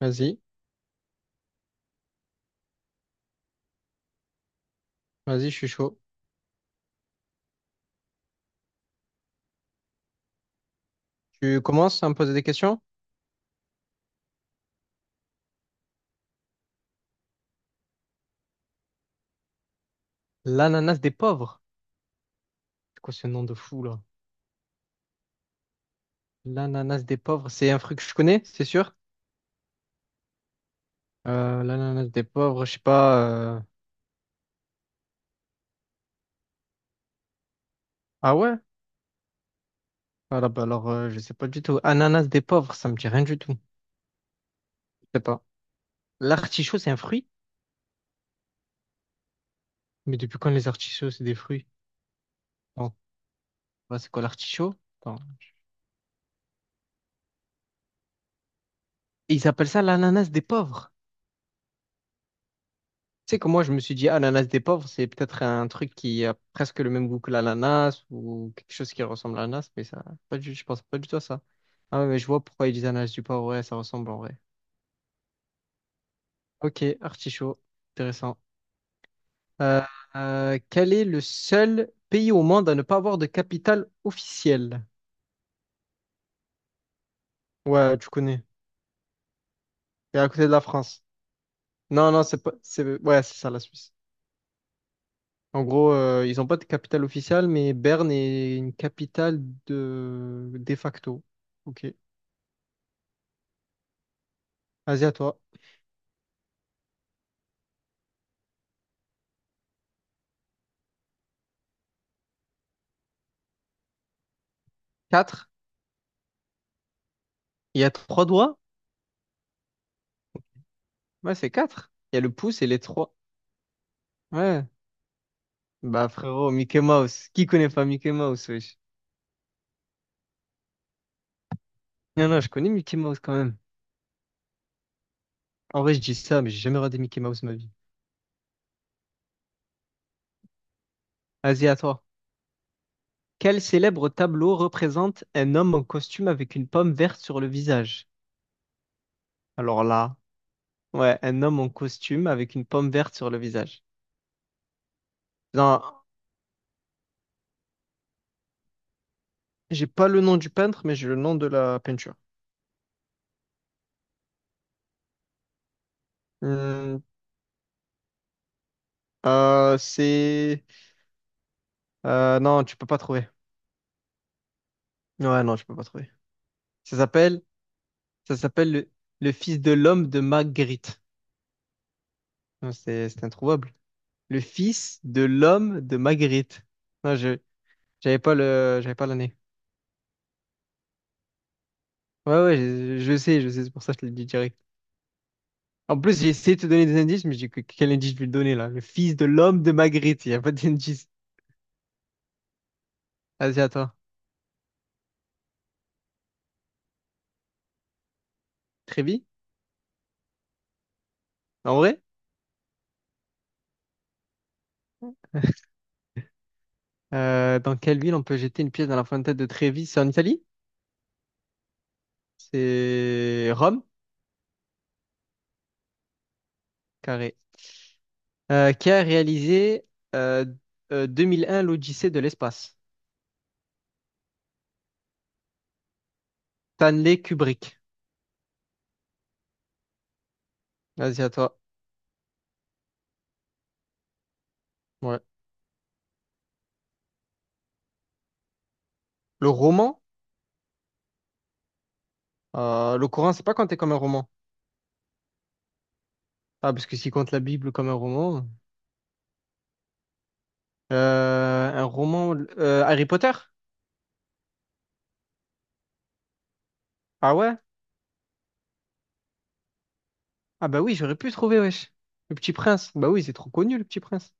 Vas-y, vas-y, je suis chaud. Tu commences à me poser des questions? L'ananas des pauvres. C'est quoi ce nom de fou là? L'ananas des pauvres, c'est un fruit que je connais, c'est sûr. L'ananas des pauvres, je sais pas. euh, Ah ouais? Voilà, bah alors je sais pas du tout. Ananas des pauvres, ça me dit rien du tout. Je sais pas. L'artichaut, c'est un fruit? Mais depuis quand les artichauts, c'est des fruits? Non. Bah, c'est quoi l'artichaut? Attends. Et ils appellent ça l'ananas des pauvres. Sais que moi, je me suis dit, ah l'ananas des pauvres, c'est peut-être un truc qui a presque le même goût que l'ananas ou quelque chose qui ressemble à l'ananas, mais ça, pas du, je pense pas du tout à ça. Ah ouais, mais je vois pourquoi ils disent ananas du pauvre, ouais, ça ressemble en vrai. Ok, artichaut, intéressant. Euh, quel est le seul pays au monde à ne pas avoir de capitale officielle? Ouais, tu connais. C'est à côté de la France. Non, non, c'est pas, c'est, ouais, c'est ça, la Suisse. En gros, ils n'ont pas de capitale officielle, mais Berne est une capitale de facto. Ok. Vas-y, à toi. 4. Il y a trois doigts? Ouais, c'est 4. Il y a le pouce et les trois. Ouais. Bah frérot, Mickey Mouse. Qui connaît pas Mickey Mouse, wesh? Non, non, je connais Mickey Mouse quand même. En vrai, je dis ça, mais j'ai jamais regardé Mickey Mouse de ma vie. Vas-y, à toi. Quel célèbre tableau représente un homme en costume avec une pomme verte sur le visage? Alors là, ouais, un homme en costume avec une pomme verte sur le visage. Non, j'ai pas le nom du peintre, mais j'ai le nom de la peinture. Hum, c'est... non, tu peux pas trouver. Ouais, non, je peux pas trouver. Ça s'appelle, ça s'appelle le fils de l'homme de Magritte. Non, c'est introuvable. Le fils de l'homme de Magritte. Non, j'avais pas l'année. Ouais, ouais, je sais, c'est pour ça que je te le dis direct. En plus, j'ai essayé de te donner des indices, mais j'ai dit, quel indice je vais le donner, là? Le fils de l'homme de Magritte. Il y a pas d'indice. Vas-y, à toi. Trévis? En vrai? Dans quelle ville on peut jeter une pièce dans la fontaine de Trévis? C'est en Italie? C'est Rome? Carré. Qui a réalisé euh, 2001 l'Odyssée de l'espace. Stanley Kubrick. Vas-y, à toi. Ouais. Le roman, le Coran, c'est pas compté comme un roman. Ah, parce que s'il compte la Bible comme un roman. Un roman. Harry Potter? Ah ouais? Ah bah oui, j'aurais pu trouver, wesh. Le Petit Prince. Bah oui, c'est trop connu, le Petit Prince.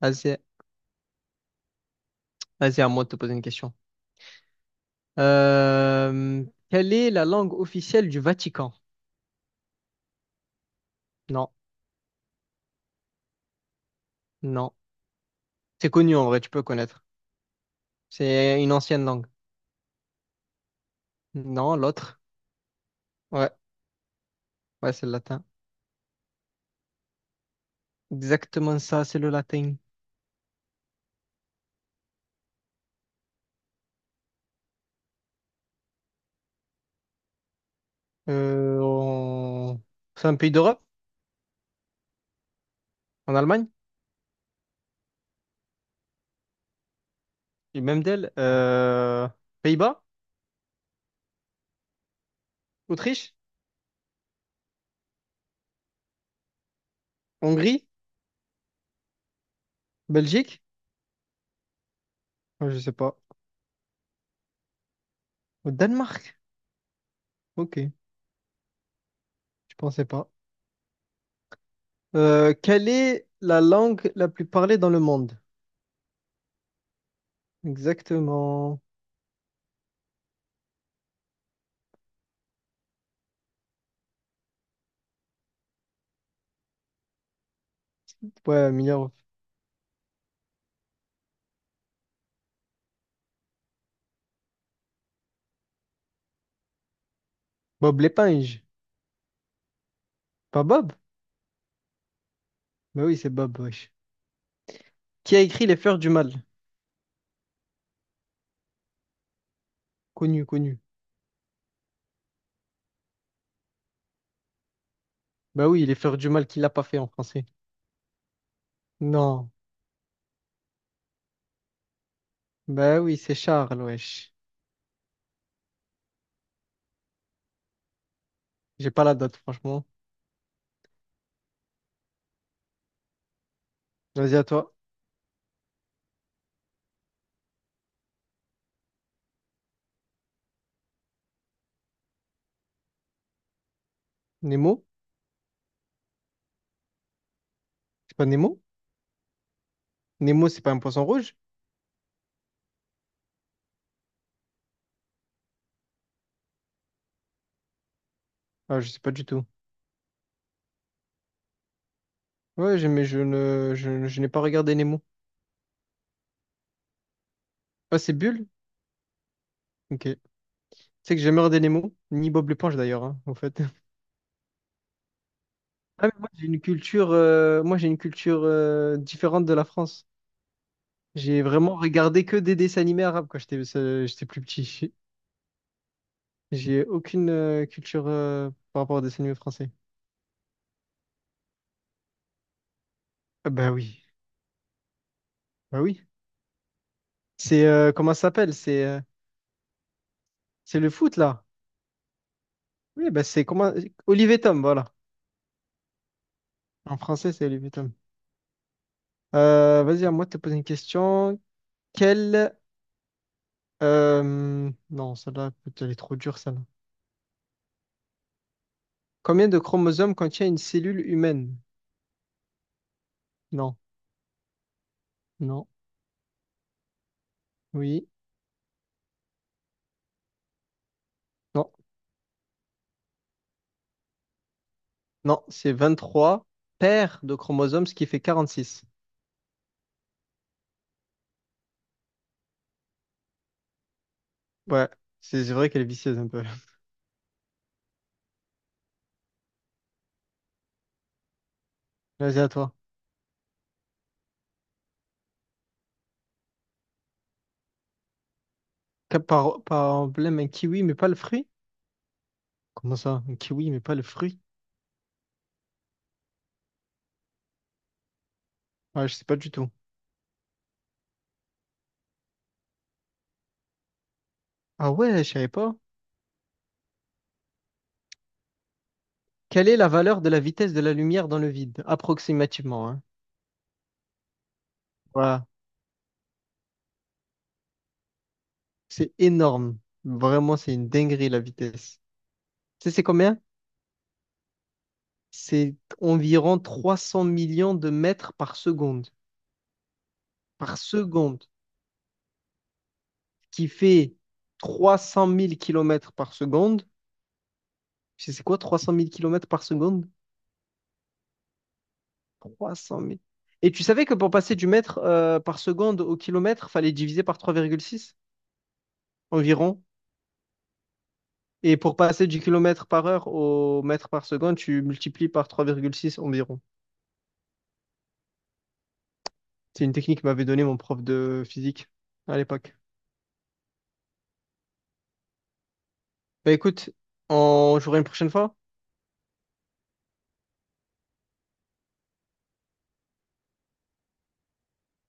Vas-y, vas-y, à moi de te poser une question. Euh, quelle est la langue officielle du Vatican? Non, non. C'est connu en vrai, tu peux connaître. C'est une ancienne langue. Non, l'autre. Ouais, ouais, c'est le latin. Exactement ça, c'est le latin. Euh, on- C'est un pays d'Europe, en Allemagne, et même d'elle. Pays-Bas, Autriche, Hongrie, Belgique, Ouais, je sais pas. Au Danemark, ok, je pensais pas. Quelle est la langue la plus parlée dans le monde? Exactement. Ouais, milliard. Bob l'éponge. Pas Bob? Bah oui, c'est Bob, wesh. Qui a écrit Les Fleurs du Mal? Connu, connu. Bah oui, Les Fleurs du Mal, qui l'a pas fait en français? Non. Ben oui, c'est Charles, wesh. J'ai pas la date, franchement. Vas-y, à toi. Nemo? C'est pas Nemo? Nemo, c'est pas un poisson rouge? Ah, je sais pas du tout. Mais je ne, je n'ai pas regardé Nemo. Ah, c'est Bulle? Ok. Tu sais que j'ai jamais regardé Nemo, ni Bob l'éponge d'ailleurs, hein, en fait. Ah, mais moi, j'ai une culture, moi, j'ai une culture différente de la France. J'ai vraiment regardé que des dessins animés arabes quand j'étais j'étais plus petit. J'ai aucune culture par rapport aux dessins animés français. Ah, bah oui. Bah oui. C'est, comment ça s'appelle? C'est. C'est le foot, là? Oui, bah, c'est comment... Olivier Tom, voilà. En français, c'est Olivier Tom. Vas-y, à moi de te poser une question. Quel... Non, celle-là, écoute, elle est trop dure, celle-là. Combien de chromosomes contient une cellule humaine? Non, non, oui, non, non. C'est 23 paires de chromosomes, ce qui fait 46. Ouais, c'est vrai qu'elle est vicieuse un peu. Vas-y, à toi. Par emblème, un kiwi, mais pas le fruit? Comment ça? Un kiwi, mais pas le fruit? Ouais, je sais pas du tout. Ah ouais, je savais pas. Quelle est la valeur de la vitesse de la lumière dans le vide? Approximativement, hein. Voilà. C'est énorme. Vraiment, c'est une dinguerie la vitesse. Tu sais, c'est combien? C'est environ 300 millions de mètres par seconde. Par seconde. Qui fait 300 000 kilomètres par seconde. Tu sais, c'est quoi 300 000 kilomètres par seconde? 300 000. Et tu savais que pour passer du mètre par seconde au kilomètre, fallait diviser par 3,6 environ? Et pour passer du kilomètre par heure au mètre par seconde, tu multiplies par 3,6 environ. C'est une technique que m'avait donnée mon prof de physique à l'époque. Bah écoute, on jouera une prochaine fois.